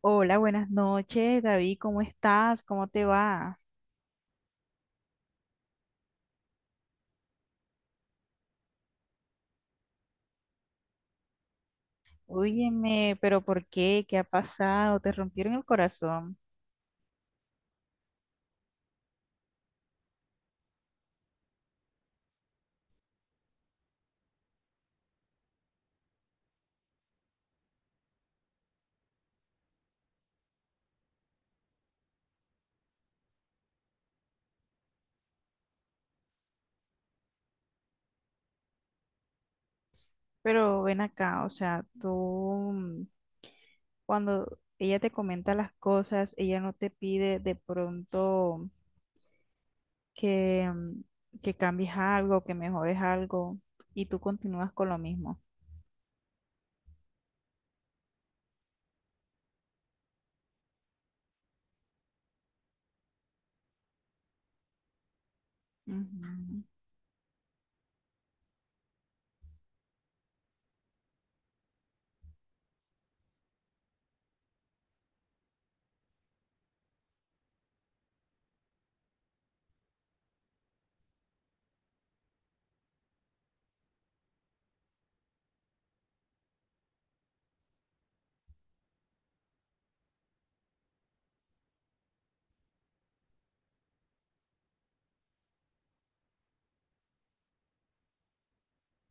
Hola, buenas noches, David, ¿cómo estás? ¿Cómo te va? Óyeme, pero ¿por qué? ¿Qué ha pasado? Te rompieron el corazón. Pero ven acá, o sea, tú mm, cuando ella te comenta las cosas, ella no te pide de pronto que, mm, que cambies algo, que mejores algo, y tú continúas con lo mismo. Ujú.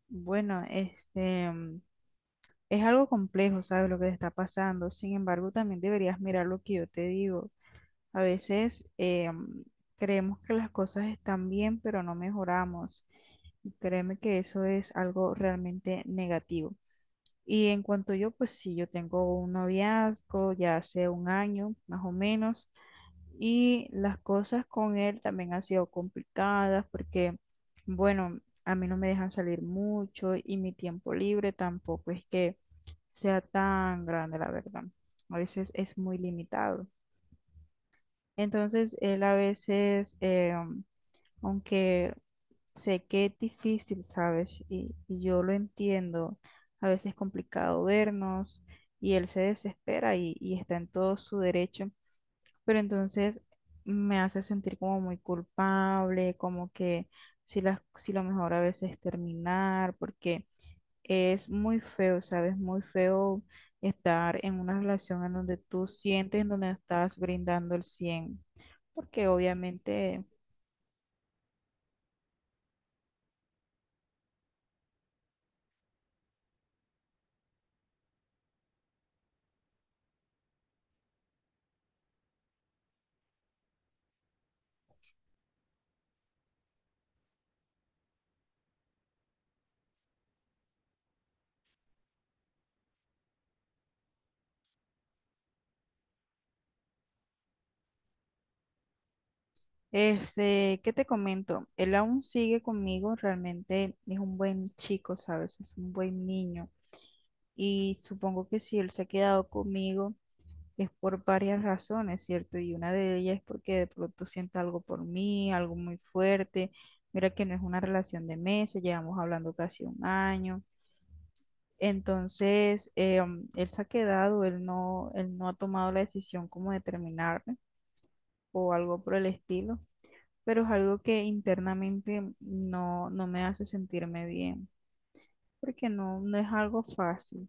Bueno, es algo complejo, ¿sabes? Lo que te está pasando. Sin embargo, también deberías mirar lo que yo te digo. A veces creemos que las cosas están bien, pero no mejoramos. Y créeme que eso es algo realmente negativo. Y en cuanto yo, pues sí, yo tengo un noviazgo ya hace un año, más o menos, y las cosas con él también han sido complicadas porque, bueno, a mí no me dejan salir mucho y mi tiempo libre tampoco es que sea tan grande, la verdad. A veces es muy limitado. Entonces, él a veces, aunque sé que es difícil, ¿sabes? Y yo lo entiendo, a veces es complicado vernos y él se desespera y está en todo su derecho, pero entonces me hace sentir como muy culpable, como que si lo mejor a veces es terminar, porque es muy feo, ¿sabes? Muy feo estar en una relación en donde tú sientes, en donde estás brindando el 100 porque obviamente, ¿qué te comento? Él aún sigue conmigo, realmente es un buen chico, ¿sabes? Es un buen niño. Y supongo que si él se ha quedado conmigo es por varias razones, ¿cierto? Y una de ellas es porque de pronto siente algo por mí, algo muy fuerte. Mira que no es una relación de meses, llevamos hablando casi un año. Entonces, él se ha quedado, él no ha tomado la decisión como de terminarme o algo por el estilo, pero es algo que internamente no me hace sentirme bien, porque no es algo fácil.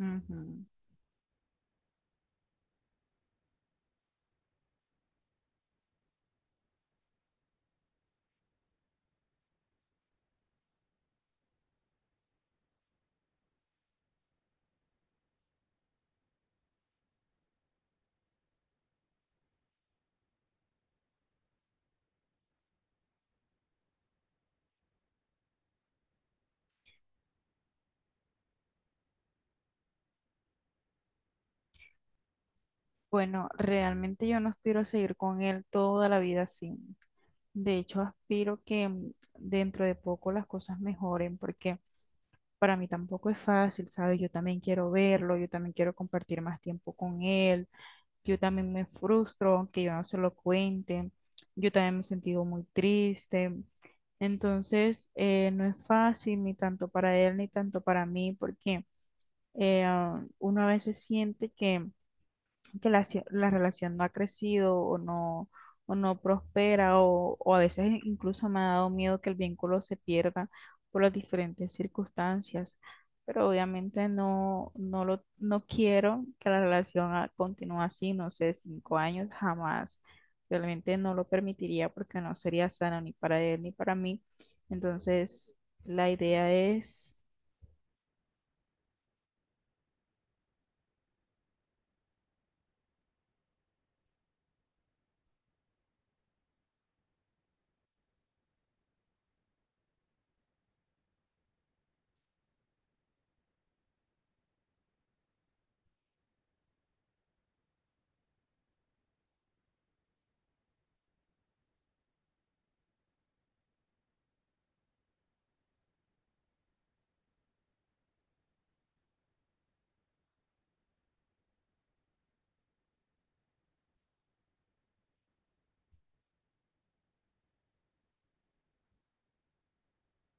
Ujú. Bueno, realmente yo no aspiro a seguir con él toda la vida así. De hecho, aspiro que dentro de poco las cosas mejoren, porque para mí tampoco es fácil, ¿sabes? Yo también quiero verlo, yo también quiero compartir más tiempo con él. Yo también me frustro, aunque yo no se lo cuente. Yo también me he sentido muy triste. Entonces, no es fácil ni tanto para él ni tanto para mí, porque uno a veces siente que la relación no ha crecido o no prospera o a veces incluso me ha dado miedo que el vínculo se pierda por las diferentes circunstancias, pero obviamente no quiero que la relación continúe así, no sé, 5 años jamás. Realmente no lo permitiría porque no sería sano ni para él ni para mí. Entonces, la idea es.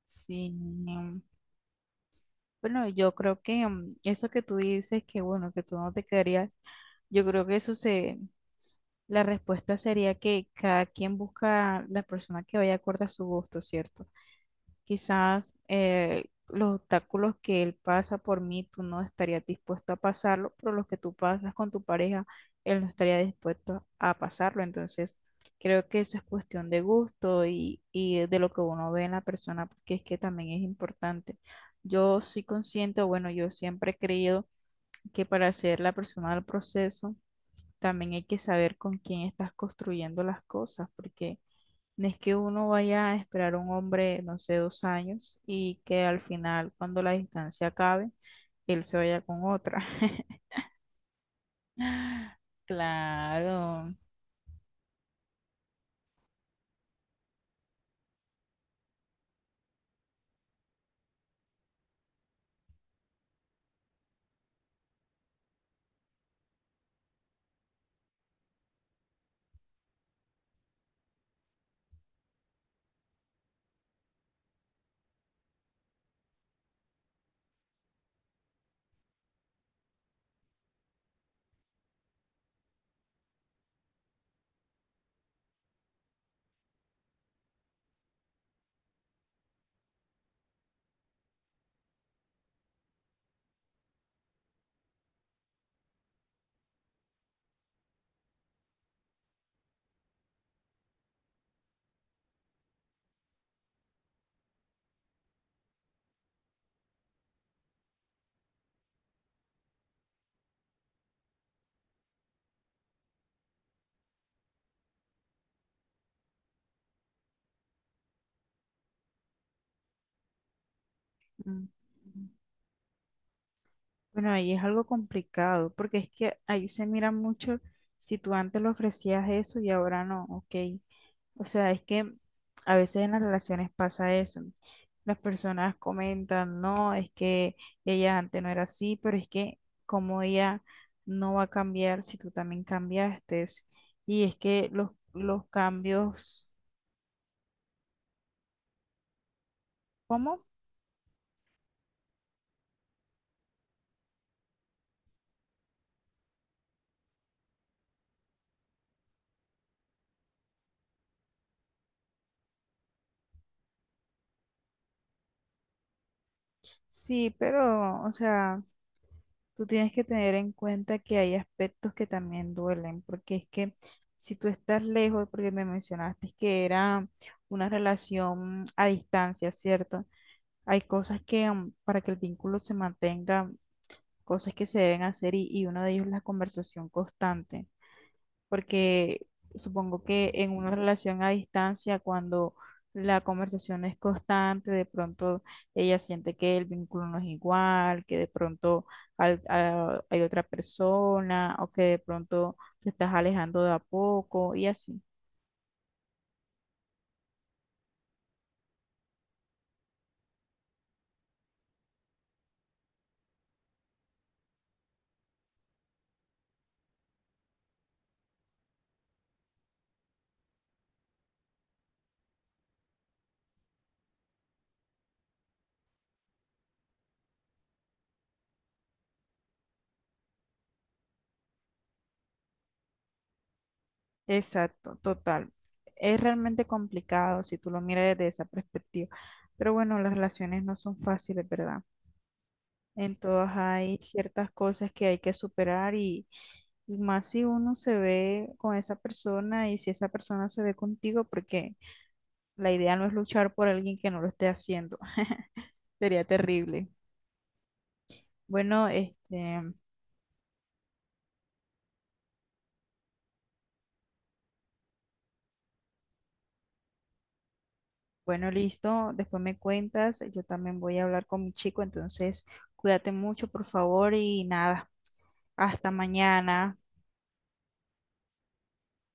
Si Bueno, yo creo que eso que tú dices, que bueno, que tú no te quedarías, yo creo que la respuesta sería que cada quien busca la persona que vaya acorde a su gusto, ¿cierto? Quizás los obstáculos que él pasa por mí, tú no estarías dispuesto a pasarlo, pero los que tú pasas con tu pareja, él no estaría dispuesto a pasarlo. Entonces, creo que eso es cuestión de gusto y de lo que uno ve en la persona, porque es que también es importante. Yo soy consciente, bueno, yo siempre he creído que para ser la persona del proceso, también hay que saber con quién estás construyendo las cosas, porque no es que uno vaya a esperar a un hombre, no sé, 2 años y que al final, cuando la distancia acabe, él se vaya con otra. Claro. Mm. Bueno, ahí es algo complicado, porque es que ahí se mira mucho si tú antes le ofrecías eso y ahora no, ok. O sea, es que a veces en las relaciones pasa eso, ¿no? Las personas comentan, no, es que ella antes no era así, pero es que como ella no va a cambiar si tú también cambiaste. Y es que los cambios, ¿cómo? Sí, pero, o sea, tú tienes que tener en cuenta que hay aspectos que también duelen, porque es que si tú estás lejos, porque me mencionaste que era una relación a distancia, ¿cierto? Hay cosas que para que el vínculo se mantenga, cosas que se deben hacer y uno de ellos es la conversación constante, porque supongo que en una relación a distancia, cuando la conversación es constante, de pronto ella siente que el vínculo no es igual, que de pronto hay otra persona o que de pronto te estás alejando de a poco y así. Exacto, total. Es realmente complicado si tú lo miras desde esa perspectiva. Pero bueno, las relaciones no son fáciles, ¿verdad? En todas hay ciertas cosas que hay que superar y más si uno se ve con esa persona y si esa persona se ve contigo, porque la idea no es luchar por alguien que no lo esté haciendo. Sería terrible. Bueno, este, bueno, listo. Después me cuentas. Yo también voy a hablar con mi chico, entonces cuídate mucho, por favor, y nada. Hasta mañana.